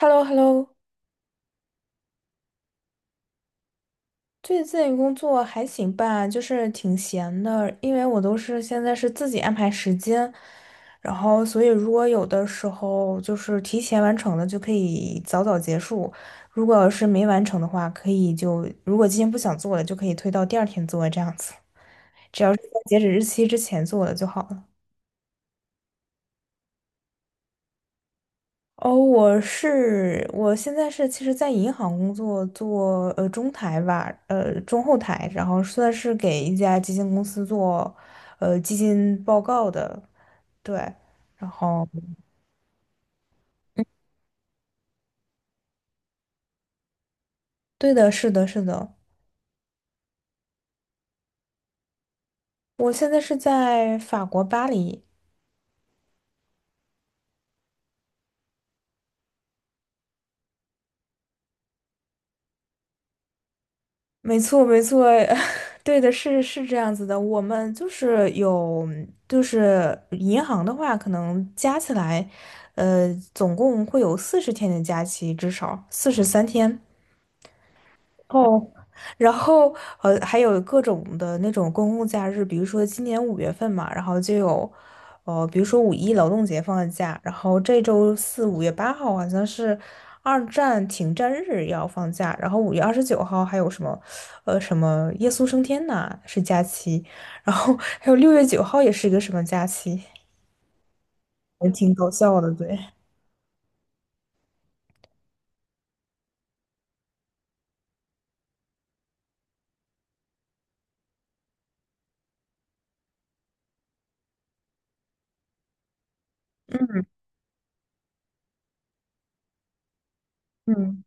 h e l l o h e l l o 最近工作还行吧，就是挺闲的，因为我都是现在是自己安排时间，然后所以如果有的时候就是提前完成的就可以早早结束，如果要是没完成的话，可以就如果今天不想做了，就可以推到第二天做这样子，只要是在截止日期之前做了就好了。哦，我是我现在是其实，在银行工作，做中台吧，中后台，然后算是给一家基金公司做基金报告的，对，然后对的，是的，是的，我现在是在法国巴黎，没错，没错，对的，是这样子的，我们就是有就是银行的话，可能加起来，总共会有40天的假期，至少43天。哦，然后还有各种的那种公共假日，比如说今年五月份嘛，然后就有，比如说五一劳动节放的假，然后这周四5月8号好像是二战停战日要放假，然后5月29号还有什么，什么耶稣升天呐是假期，然后还有6月9号也是一个什么假期，还挺搞笑的，对。嗯，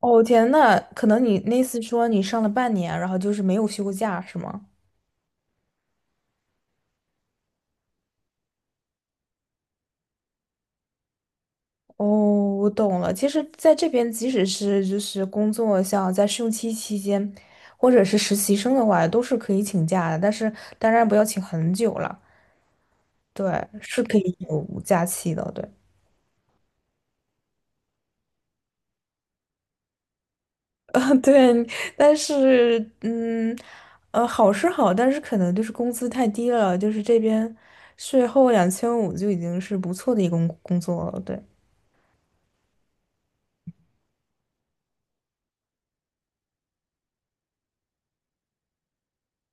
哦天呐，可能你那次说你上了半年，然后就是没有休过假，是吗？哦，我懂了。其实，在这边，即使是就是工作，像在试用期期间，或者是实习生的话，都是可以请假的。但是，当然不要请很久了。对，是可以有假期的。对，对。但是，嗯，好是好，但是可能就是工资太低了。就是这边税后2500就已经是不错的一个工作了。对。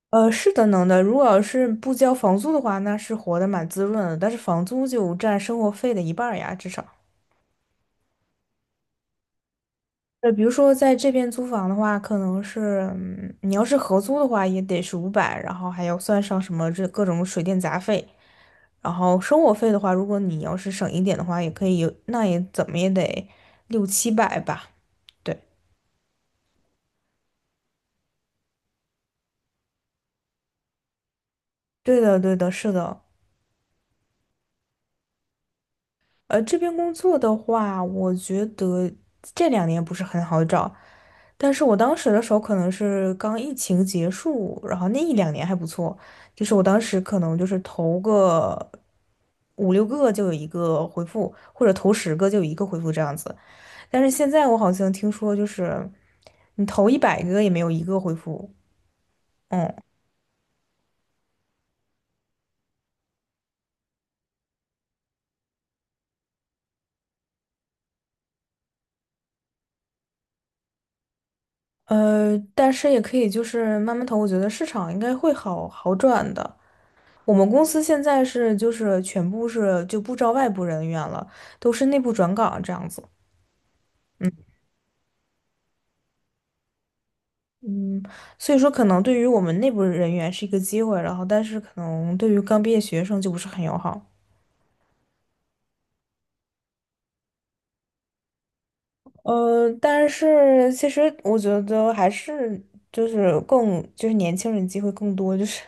是的，能的。如果要是不交房租的话，那是活得蛮滋润的。但是房租就占生活费的一半儿呀，至少。比如说在这边租房的话，可能是，嗯你要是合租的话，也得是500，然后还要算上什么这各种水电杂费。然后生活费的话，如果你要是省一点的话，也可以有，那也怎么也得六七百吧。对，对的，对的，是的。这边工作的话，我觉得这两年不是很好找，但是我当时的时候可能是刚疫情结束，然后那一两年还不错，就是我当时可能就是投个五六个就有一个回复，或者投十个就有一个回复这样子。但是现在我好像听说就是你投100个也没有一个回复，嗯，但是也可以就是慢慢投，我觉得市场应该会好好转的。我们公司现在是就是全部是就不招外部人员了，都是内部转岗这样子。嗯，所以说可能对于我们内部人员是一个机会，然后但是可能对于刚毕业学生就不是很友好。但是其实我觉得还是就是更就是年轻人机会更多，就是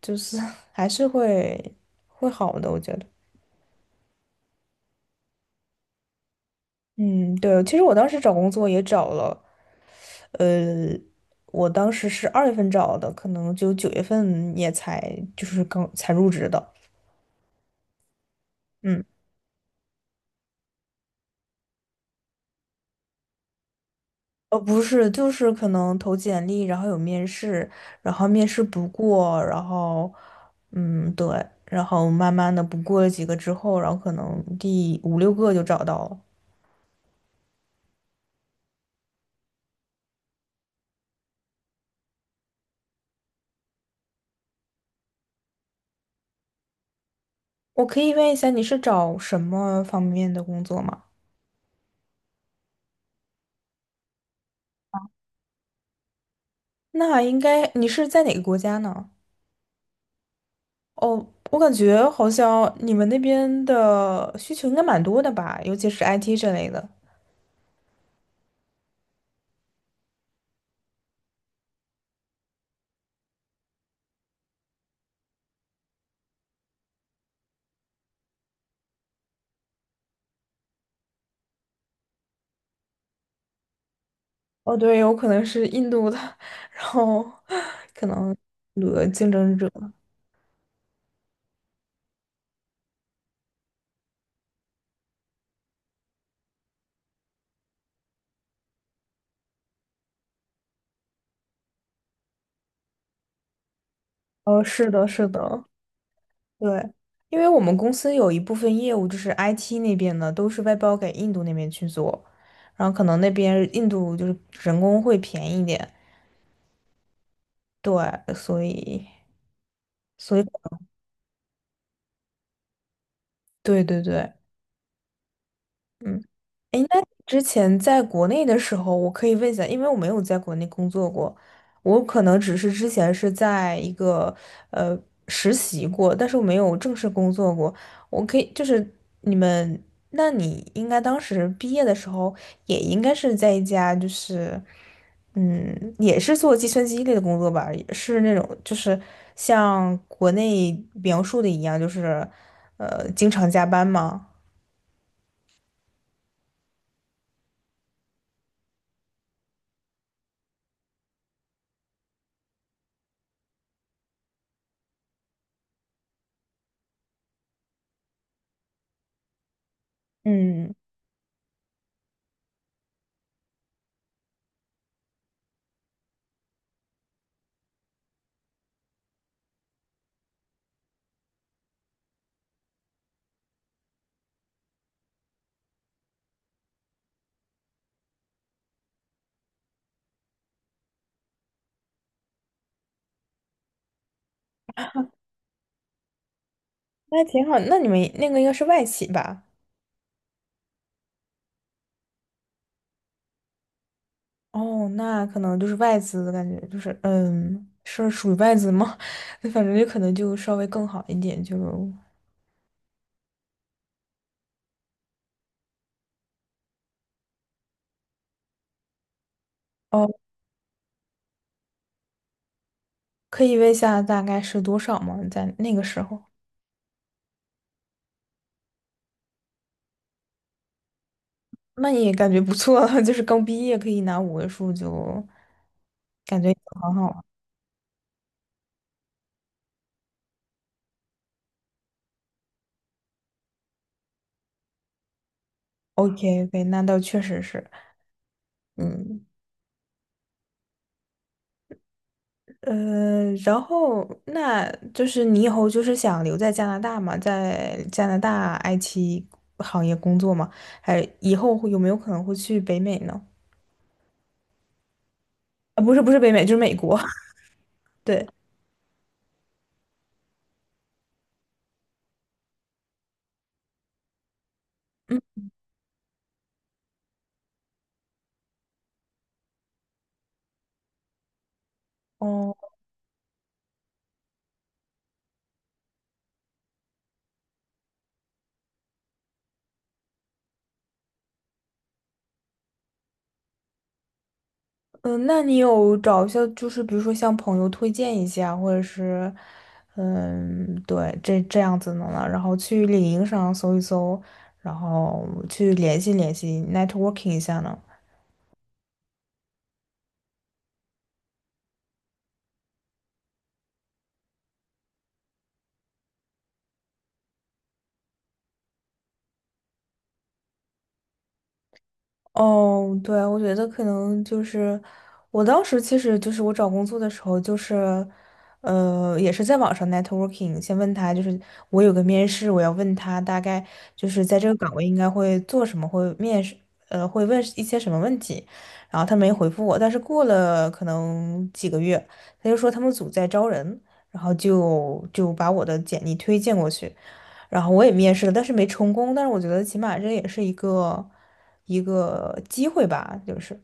就是 还是会好的，我觉得。嗯，对，其实我当时找工作也找了。我当时是2月份找的，可能就9月份也才就是刚才入职的。嗯，不是，就是可能投简历，然后有面试，然后面试不过，然后嗯，对，然后慢慢的不过了几个之后，然后可能第五六个就找到了。我可以问一下，你是找什么方面的工作吗？那应该你是在哪个国家呢？哦，我感觉好像你们那边的需求应该蛮多的吧，尤其是 IT 这类的。哦，对，有可能是印度的，然后可能印竞争者。哦，是的，是的，对，因为我们公司有一部分业务就是 IT 那边的，都是外包给印度那边去做，然后可能那边印度就是人工会便宜一点，对，所以，所以，对对对，哎，那之前在国内的时候，我可以问一下，因为我没有在国内工作过，我可能只是之前是在一个呃实习过，但是我没有正式工作过。我可以就是你们，那你应该当时毕业的时候，也应该是在一家就是嗯，也是做计算机类的工作吧，也是那种就是像国内描述的一样，就是经常加班吗？嗯。那还挺好。那你们那个应该是外企吧？哦，那可能就是外资的感觉，就是嗯，是属于外资吗？反正就可能就稍微更好一点，就哦，可以问一下大概是多少吗？在那个时候，那你也感觉不错了，就是刚毕业可以拿五位数，就感觉很好啊。OK OK，那倒确实是，嗯。然后那就是你以后就是想留在加拿大嘛，在加拿大 IT 行业工作嘛？还以后会有没有可能会去北美呢？啊，不是不是北美，就是美国。对，嗯，哦，嗯、那你有找一下，就是比如说向朋友推荐一下，或者是，嗯，对，这样子的呢，然后去领英上搜一搜，然后去联系联系，networking 一下呢？哦，对，我觉得可能就是我当时其实就是我找工作的时候，就是也是在网上 networking，先问他就是我有个面试，我要问他大概就是在这个岗位应该会做什么，会面试会问一些什么问题，然后他没回复我，但是过了可能几个月，他就说他们组在招人，然后就把我的简历推荐过去。然后我也面试了，但是没成功。但是我觉得起码这也是一个一个机会吧，就是。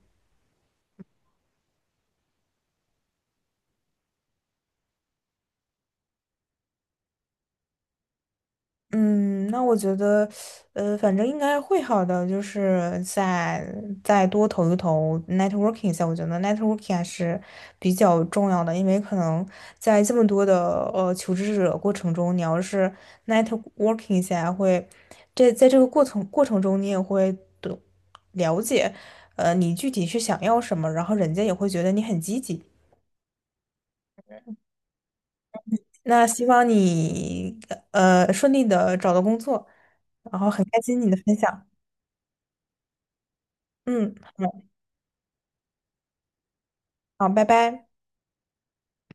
嗯，那我觉得，反正应该会好的，就是再再多投一投 networking 一下，我觉得 networking 还是比较重要的，因为可能在这么多的求职者过程中，你要是 networking 一下会，这在这个过程中，你也会懂了解，你具体是想要什么，然后人家也会觉得你很积极。那希望你顺利的找到工作，然后很开心你的分享。嗯，好，好，拜拜。